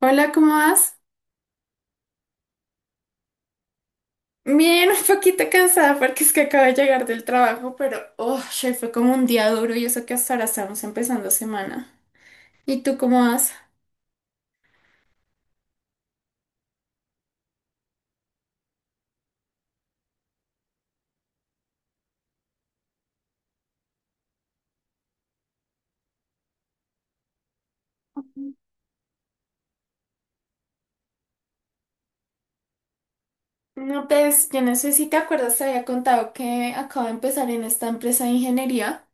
Hola, ¿cómo vas? Bien, un poquito cansada porque es que acabo de llegar del trabajo, pero oh, che, fue como un día duro y eso que hasta ahora estamos empezando semana. ¿Y tú cómo vas? No, pues yo no sé si te acuerdas, te había contado que acabo de empezar en esta empresa de ingeniería.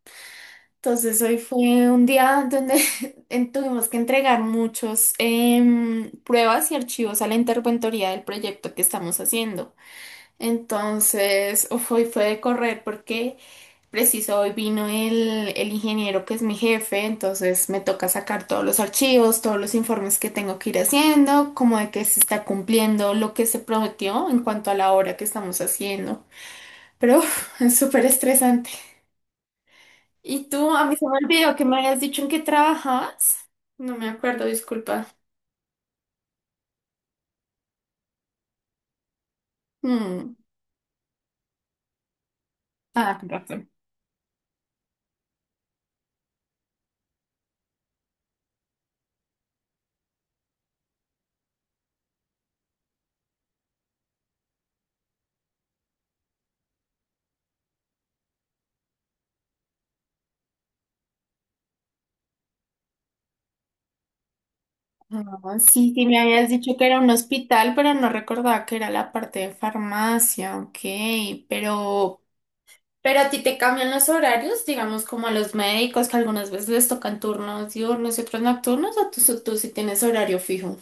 Entonces hoy fue un día donde tuvimos que entregar muchos pruebas y archivos a la interventoría del proyecto que estamos haciendo. Entonces, uf, hoy fue de correr porque preciso, hoy vino el ingeniero que es mi jefe, entonces me toca sacar todos los archivos, todos los informes que tengo que ir haciendo, como de que se está cumpliendo lo que se prometió en cuanto a la hora que estamos haciendo. Pero uf, es súper estresante. ¿Y tú? A mí se me olvidó que me habías dicho en qué trabajabas. No me acuerdo, disculpa. Mm. Ah, con razón. Ah, sí, sí, me habías dicho que era un hospital, pero no recordaba que era la parte de farmacia, ok, pero, Pero a ti te cambian los horarios, digamos como a los médicos que algunas veces les tocan turnos diurnos y otros nocturnos, o tú sí tienes horario fijo.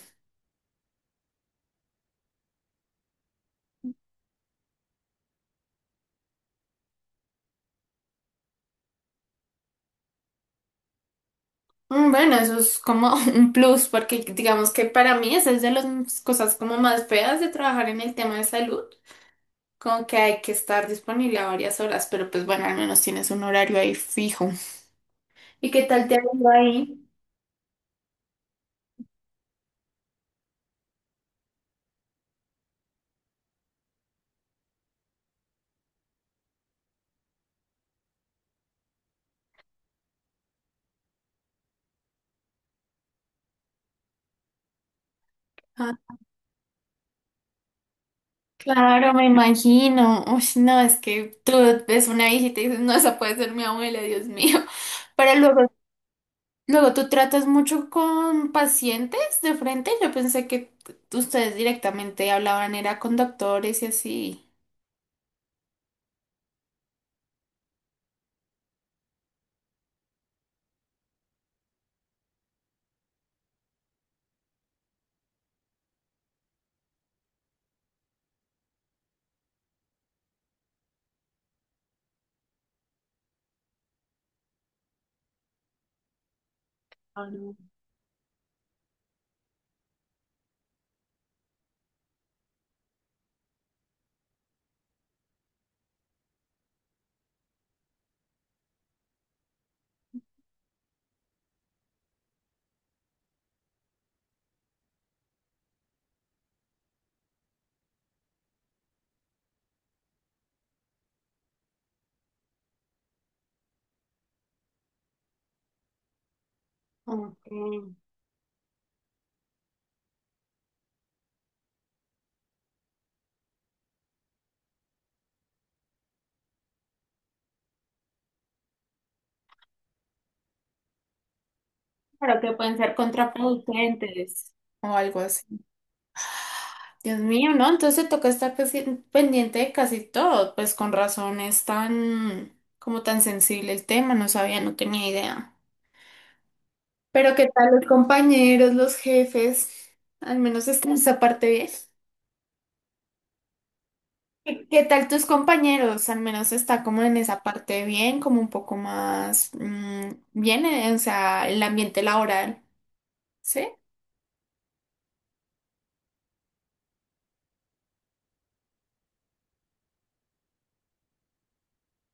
Mm. Bueno, eso es como un plus, porque digamos que para mí esa es de las cosas como más feas de trabajar en el tema de salud, como que hay que estar disponible a varias horas, pero pues bueno, al menos tienes un horario ahí fijo. ¿Y qué tal te ha ido ahí? Ah, claro, me imagino. Uy, no, es que tú ves una hijita y dices, no, esa puede ser mi abuela, Dios mío. Pero luego, luego, ¿tú tratas mucho con pacientes de frente? Yo pensé que ustedes directamente hablaban, era con doctores y así. Claro. Ok. Pero que pueden ser contraproducentes o algo así. Dios mío, ¿no? Entonces te toca estar casi, pendiente de casi todo, pues con razón es tan, como tan sensible el tema, no sabía, no tenía idea. Pero ¿qué tal los compañeros, los jefes? Al menos está esa parte bien. ¿Qué tal tus compañeros? Al menos está como en esa parte bien, como un poco más bien, o sea, el ambiente laboral. Sí,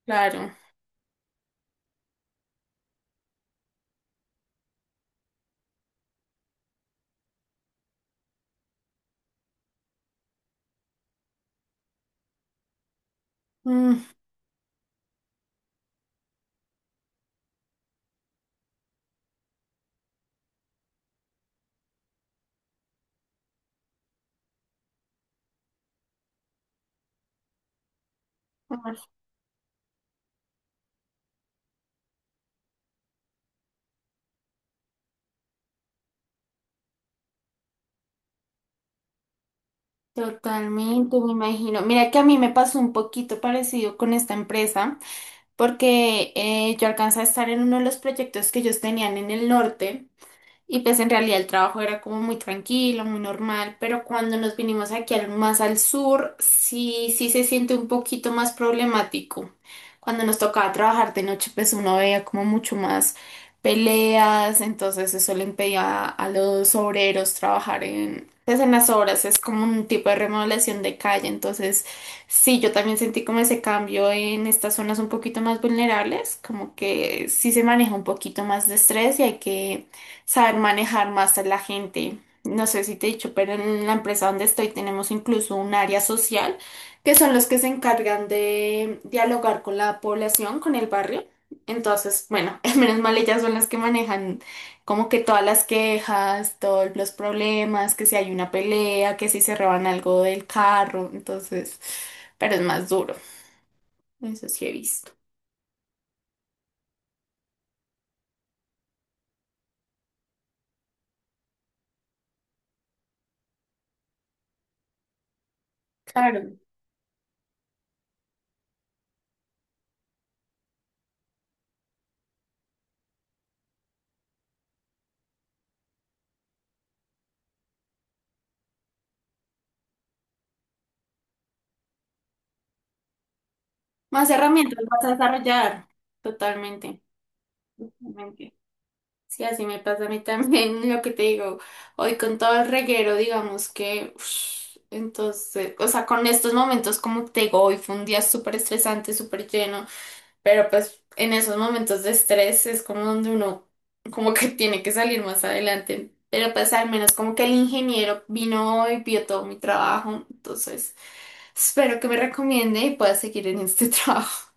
claro. Mm, ay, totalmente, me imagino. Mira que a mí me pasó un poquito parecido con esta empresa, porque yo alcancé a estar en uno de los proyectos que ellos tenían en el norte. Y pues en realidad el trabajo era como muy tranquilo, muy normal, pero cuando nos vinimos aquí al, más al sur, sí, sí se siente un poquito más problemático. Cuando nos tocaba trabajar de noche, pues uno veía como mucho más peleas, entonces eso le impedía a los obreros trabajar en, pues en las obras, es como un tipo de remodelación de calle, entonces sí, yo también sentí como ese cambio en estas zonas un poquito más vulnerables, como que sí se maneja un poquito más de estrés y hay que saber manejar más a la gente. No sé si te he dicho, pero en la empresa donde estoy tenemos incluso un área social, que son los que se encargan de dialogar con la población, con el barrio. Entonces, bueno, menos mal ellas son las que manejan como que todas las quejas, todos los problemas, que si hay una pelea, que si se roban algo del carro, entonces, pero es más duro, eso sí he visto. Claro. Más herramientas vas a desarrollar, totalmente. Totalmente. Sí, así me pasa a mí también, lo que te digo, hoy con todo el reguero, digamos que, ush, entonces, o sea, con estos momentos, como te digo, hoy fue un día súper estresante, súper lleno, pero pues en esos momentos de estrés es como donde uno, como que tiene que salir más adelante, pero pues al menos como que el ingeniero vino hoy, vio todo mi trabajo, entonces, espero que me recomiende y pueda seguir en este trabajo.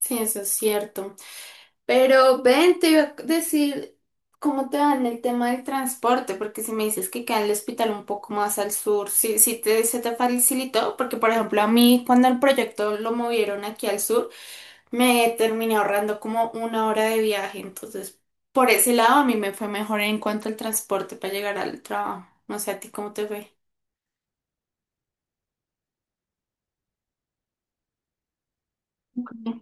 Sí, eso es cierto. Pero ven, te iba a decir cómo te va en el tema del transporte, porque si me dices que queda en el hospital un poco más al sur, sí, sí se te facilitó, porque por ejemplo a mí cuando el proyecto lo movieron aquí al sur, me terminé ahorrando como una hora de viaje, entonces por ese lado a mí me fue mejor en cuanto al transporte para llegar al trabajo. No sé, a ti cómo te fue. Ujú.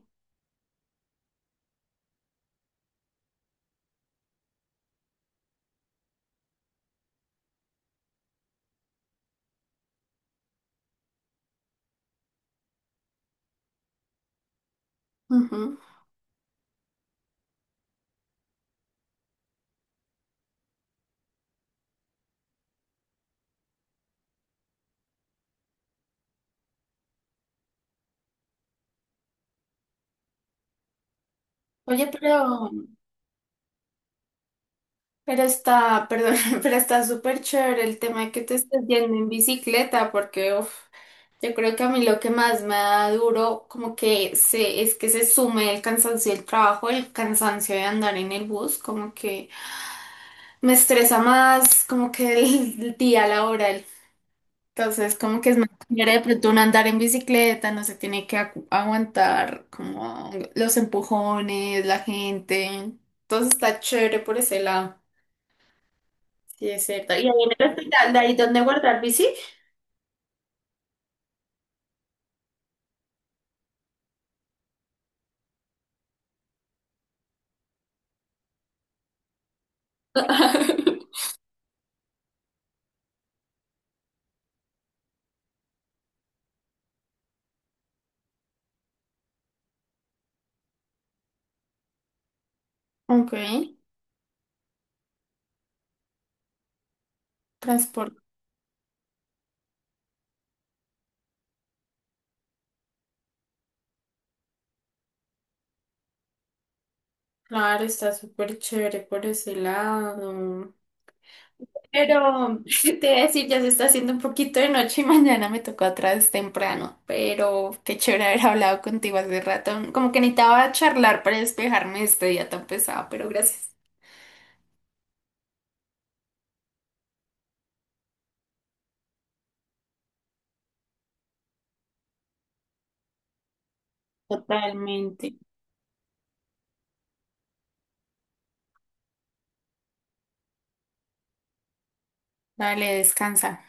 Ujú. Oye, pero está, perdón, pero está súper chévere el tema de que te estés yendo en bicicleta, porque uf, yo creo que a mí lo que más me da duro como que se, es que se sume el cansancio del trabajo, el cansancio de andar en el bus, como que me estresa más como que el día laboral. Entonces, como que es más chévere de pronto uno andar en bicicleta, no se tiene que aguantar como los empujones, la gente. Entonces está chévere por ese lado. Sí, es cierto. Y ahí en el hospital, de ahí donde guardar bici. Ok, transporte. Claro, está súper chévere por ese lado. Pero te voy a decir, ya se está haciendo un poquito de noche y mañana me tocó atrás temprano. Pero qué chévere haber hablado contigo hace rato. Como que necesitaba charlar para despejarme de este día tan pesado, pero gracias. Totalmente. Dale, descansa.